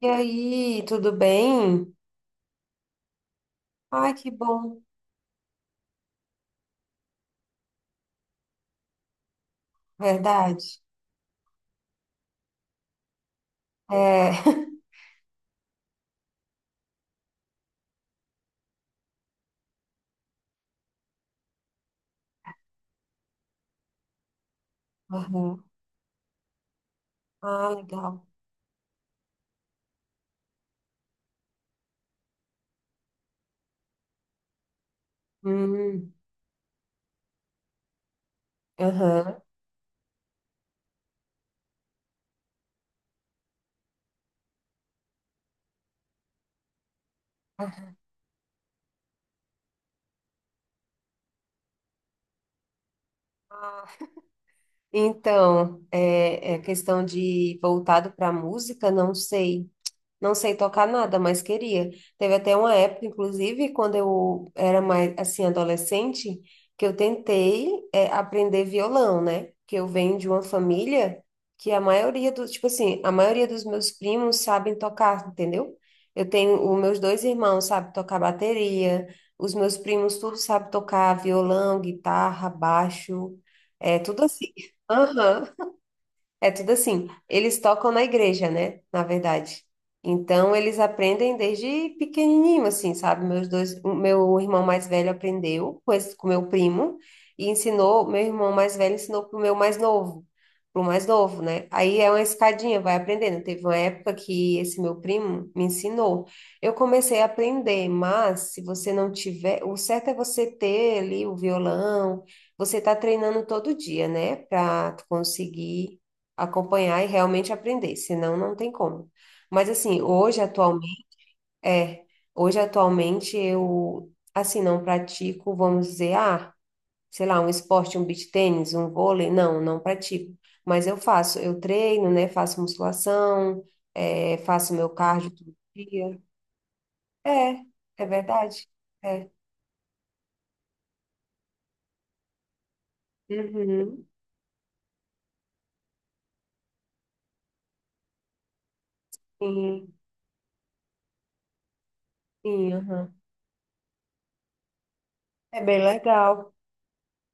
E aí, tudo bem? Ai, que bom, verdade. É. Aham. Ah, legal. Hum, aham. Aham. Ah, então, é questão de voltado para a música, não sei. Não sei tocar nada, mas queria. Teve até uma época, inclusive, quando eu era mais, assim, adolescente, que eu tentei, aprender violão, né? Que eu venho de uma família que tipo assim, a maioria dos meus primos sabem tocar, entendeu? Os meus dois irmãos sabem tocar bateria, os meus primos tudo sabem tocar violão, guitarra, baixo, é tudo assim. Aham. É tudo assim. Eles tocam na igreja, né? Na verdade. Então, eles aprendem desde pequenininho, assim, sabe? O meu irmão mais velho aprendeu com esse, com meu primo e ensinou, meu irmão mais velho ensinou pro meu mais novo, pro mais novo, né? Aí é uma escadinha, vai aprendendo. Teve uma época que esse meu primo me ensinou. Eu comecei a aprender, mas se você não tiver, o certo é você ter ali o violão, você tá treinando todo dia, né? Pra tu conseguir acompanhar e realmente aprender, senão não tem como. Mas assim, é, hoje atualmente eu assim não pratico, vamos dizer, ah, sei lá, um esporte, um beach tênis, um vôlei, não, não pratico. Mas eu faço, eu treino, né? Faço musculação, faço meu cardio todo dia. É, é verdade. É. Uhum. Sim, sim, aham. É bem legal.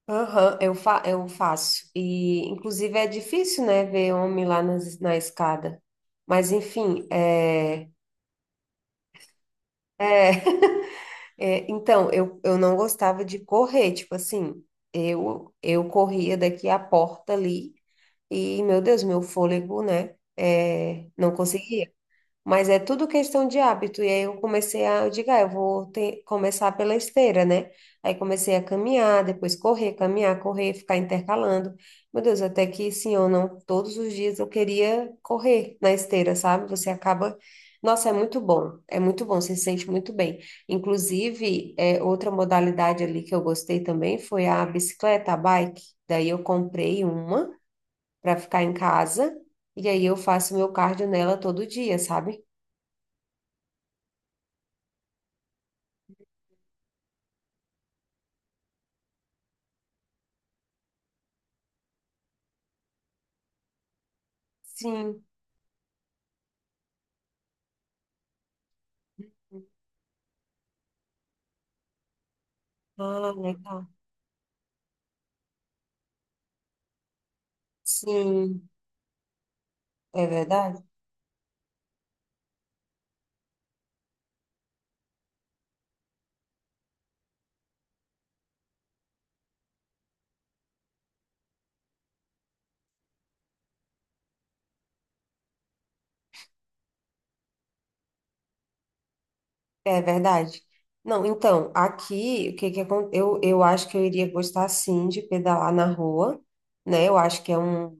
Aham, eu faço. E, inclusive, é difícil, né, ver homem lá na escada. Mas, enfim, é, então, eu não gostava de correr, tipo assim, eu corria daqui à porta ali e, meu Deus, meu fôlego, né, não conseguia. Mas é tudo questão de hábito. E aí eu comecei a, eu digo, ah, eu vou começar pela esteira, né? Aí comecei a caminhar, depois correr, caminhar, correr, ficar intercalando. Meu Deus, até que sim ou não, todos os dias eu queria correr na esteira, sabe? Você acaba. Nossa, é muito bom, você se sente muito bem. Inclusive, outra modalidade ali que eu gostei também foi a bicicleta, a bike. Daí eu comprei uma para ficar em casa, e aí eu faço meu cardio nela todo dia, sabe? Sim. Ah, legal. Sim, é verdade? É verdade. Não, então, aqui, o que que acon- eu acho que eu iria gostar sim de pedalar na rua, né? Eu acho que é um,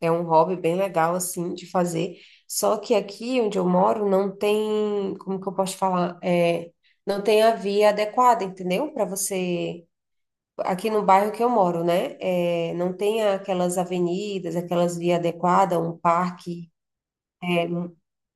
é um hobby bem legal, assim, de fazer. Só que aqui onde eu moro não tem, como que eu posso falar? É, não tem a via adequada, entendeu? Para você. Aqui no bairro que eu moro, né? É, não tem aquelas avenidas, aquelas vias adequadas, um parque.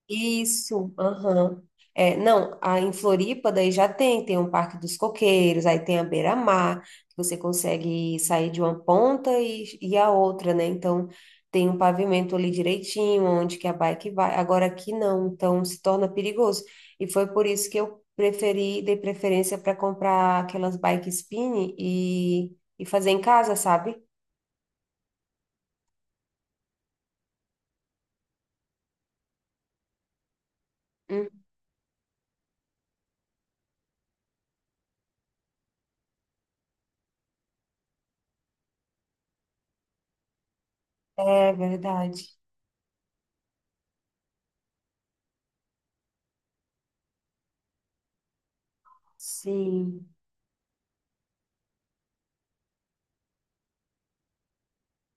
Isso, aham. É, não, em Floripa daí já tem um Parque dos Coqueiros, aí tem a Beira-Mar, que você consegue sair de uma ponta e, a outra, né? Então tem um pavimento ali direitinho, onde que a bike vai. Agora aqui não, então se torna perigoso. E foi por isso que eu preferi, dei preferência para comprar aquelas bike spin e fazer em casa, sabe? Hum, É verdade. Sim.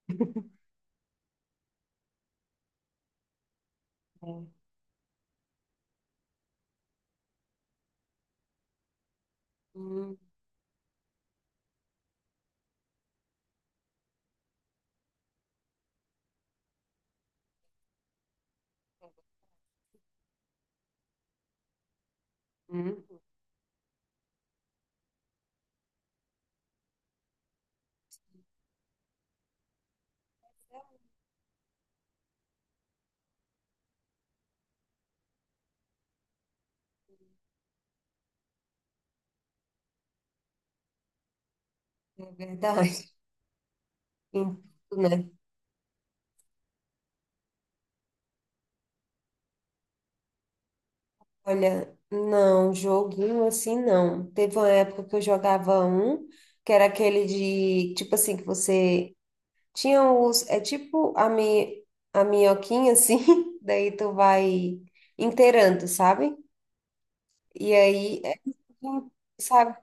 É. Hum, hum. É verdade. Em- Tudo, né? Olha, não, joguinho assim não. Teve uma época que eu jogava um, que era aquele de, tipo assim, que você tinha os, é tipo a minhoquinha assim, daí tu vai inteirando, sabe? E aí, sabe?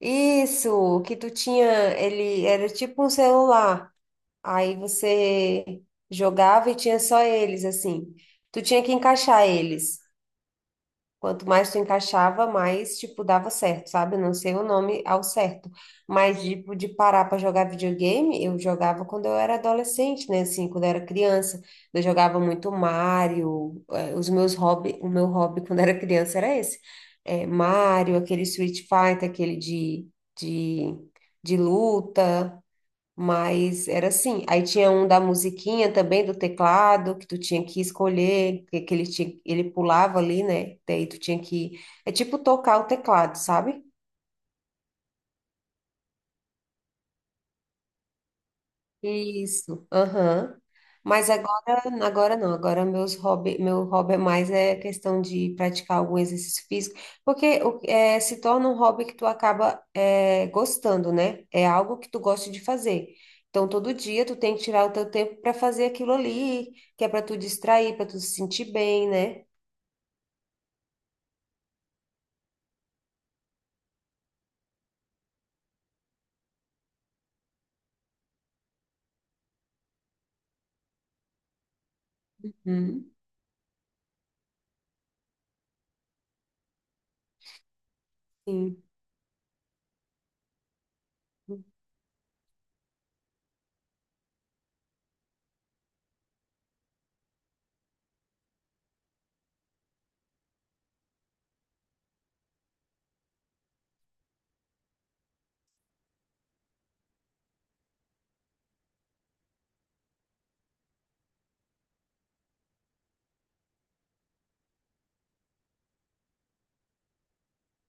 Isso, que tu tinha, ele era tipo um celular. Aí você jogava e tinha só eles, assim. Tu tinha que encaixar eles. Quanto mais tu encaixava, mais, tipo, dava certo, sabe? Não sei o nome ao certo. Mas, tipo, de parar para jogar videogame, eu jogava quando eu era adolescente, né? Assim, quando eu era criança. Eu jogava muito Mario. Os meus hobby, o meu hobby quando era criança era esse. É, Mario, aquele Street Fighter, aquele de, de luta. Mas era assim. Aí tinha um da musiquinha também, do teclado, que tu tinha que escolher, que ele tinha, ele pulava ali, né? Daí tu tinha que. É tipo tocar o teclado, sabe? Isso, aham. Mas agora, agora não, agora meus hobby, meu hobby é mais é questão de praticar algum exercício físico, porque se torna um hobby que tu acaba gostando, né? É algo que tu gosta de fazer. Então, todo dia tu tem que tirar o teu tempo para fazer aquilo ali, que é para tu distrair, para tu se sentir bem, né? Uhum, sim,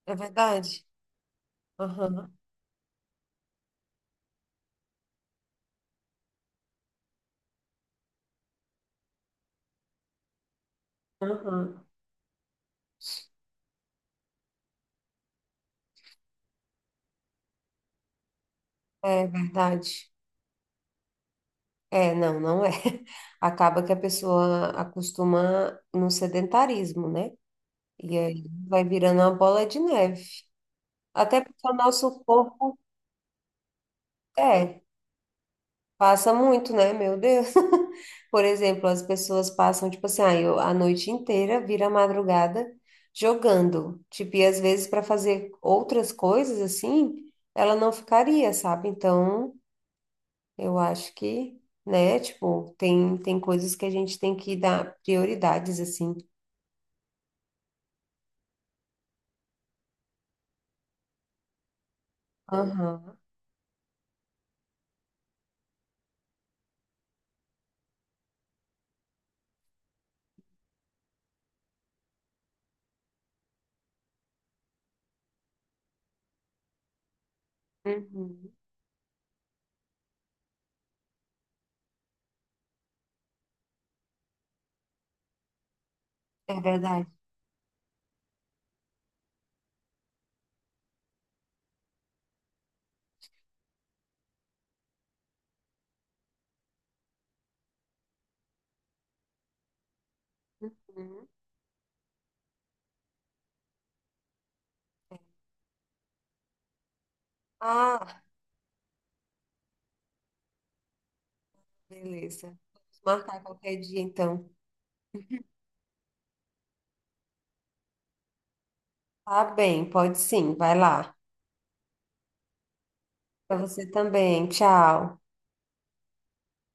é verdade. Aham, aham, é verdade. É, não, não é. Acaba que a pessoa acostuma no sedentarismo, né? E aí vai virando uma bola de neve. Até porque o nosso corpo, é, passa muito, né? Meu Deus. Por exemplo, as pessoas passam, tipo assim, ah, a noite inteira, vira a madrugada jogando. Tipo, e às vezes para fazer outras coisas assim, ela não ficaria, sabe? Então. Eu acho que, né, tipo, tem coisas que a gente tem que dar prioridades, assim. Aham. Uhum. É verdade. Uhum. Ah, beleza. Vamos marcar qualquer dia, então. Tá bem, pode sim, vai lá. Pra você também, tchau.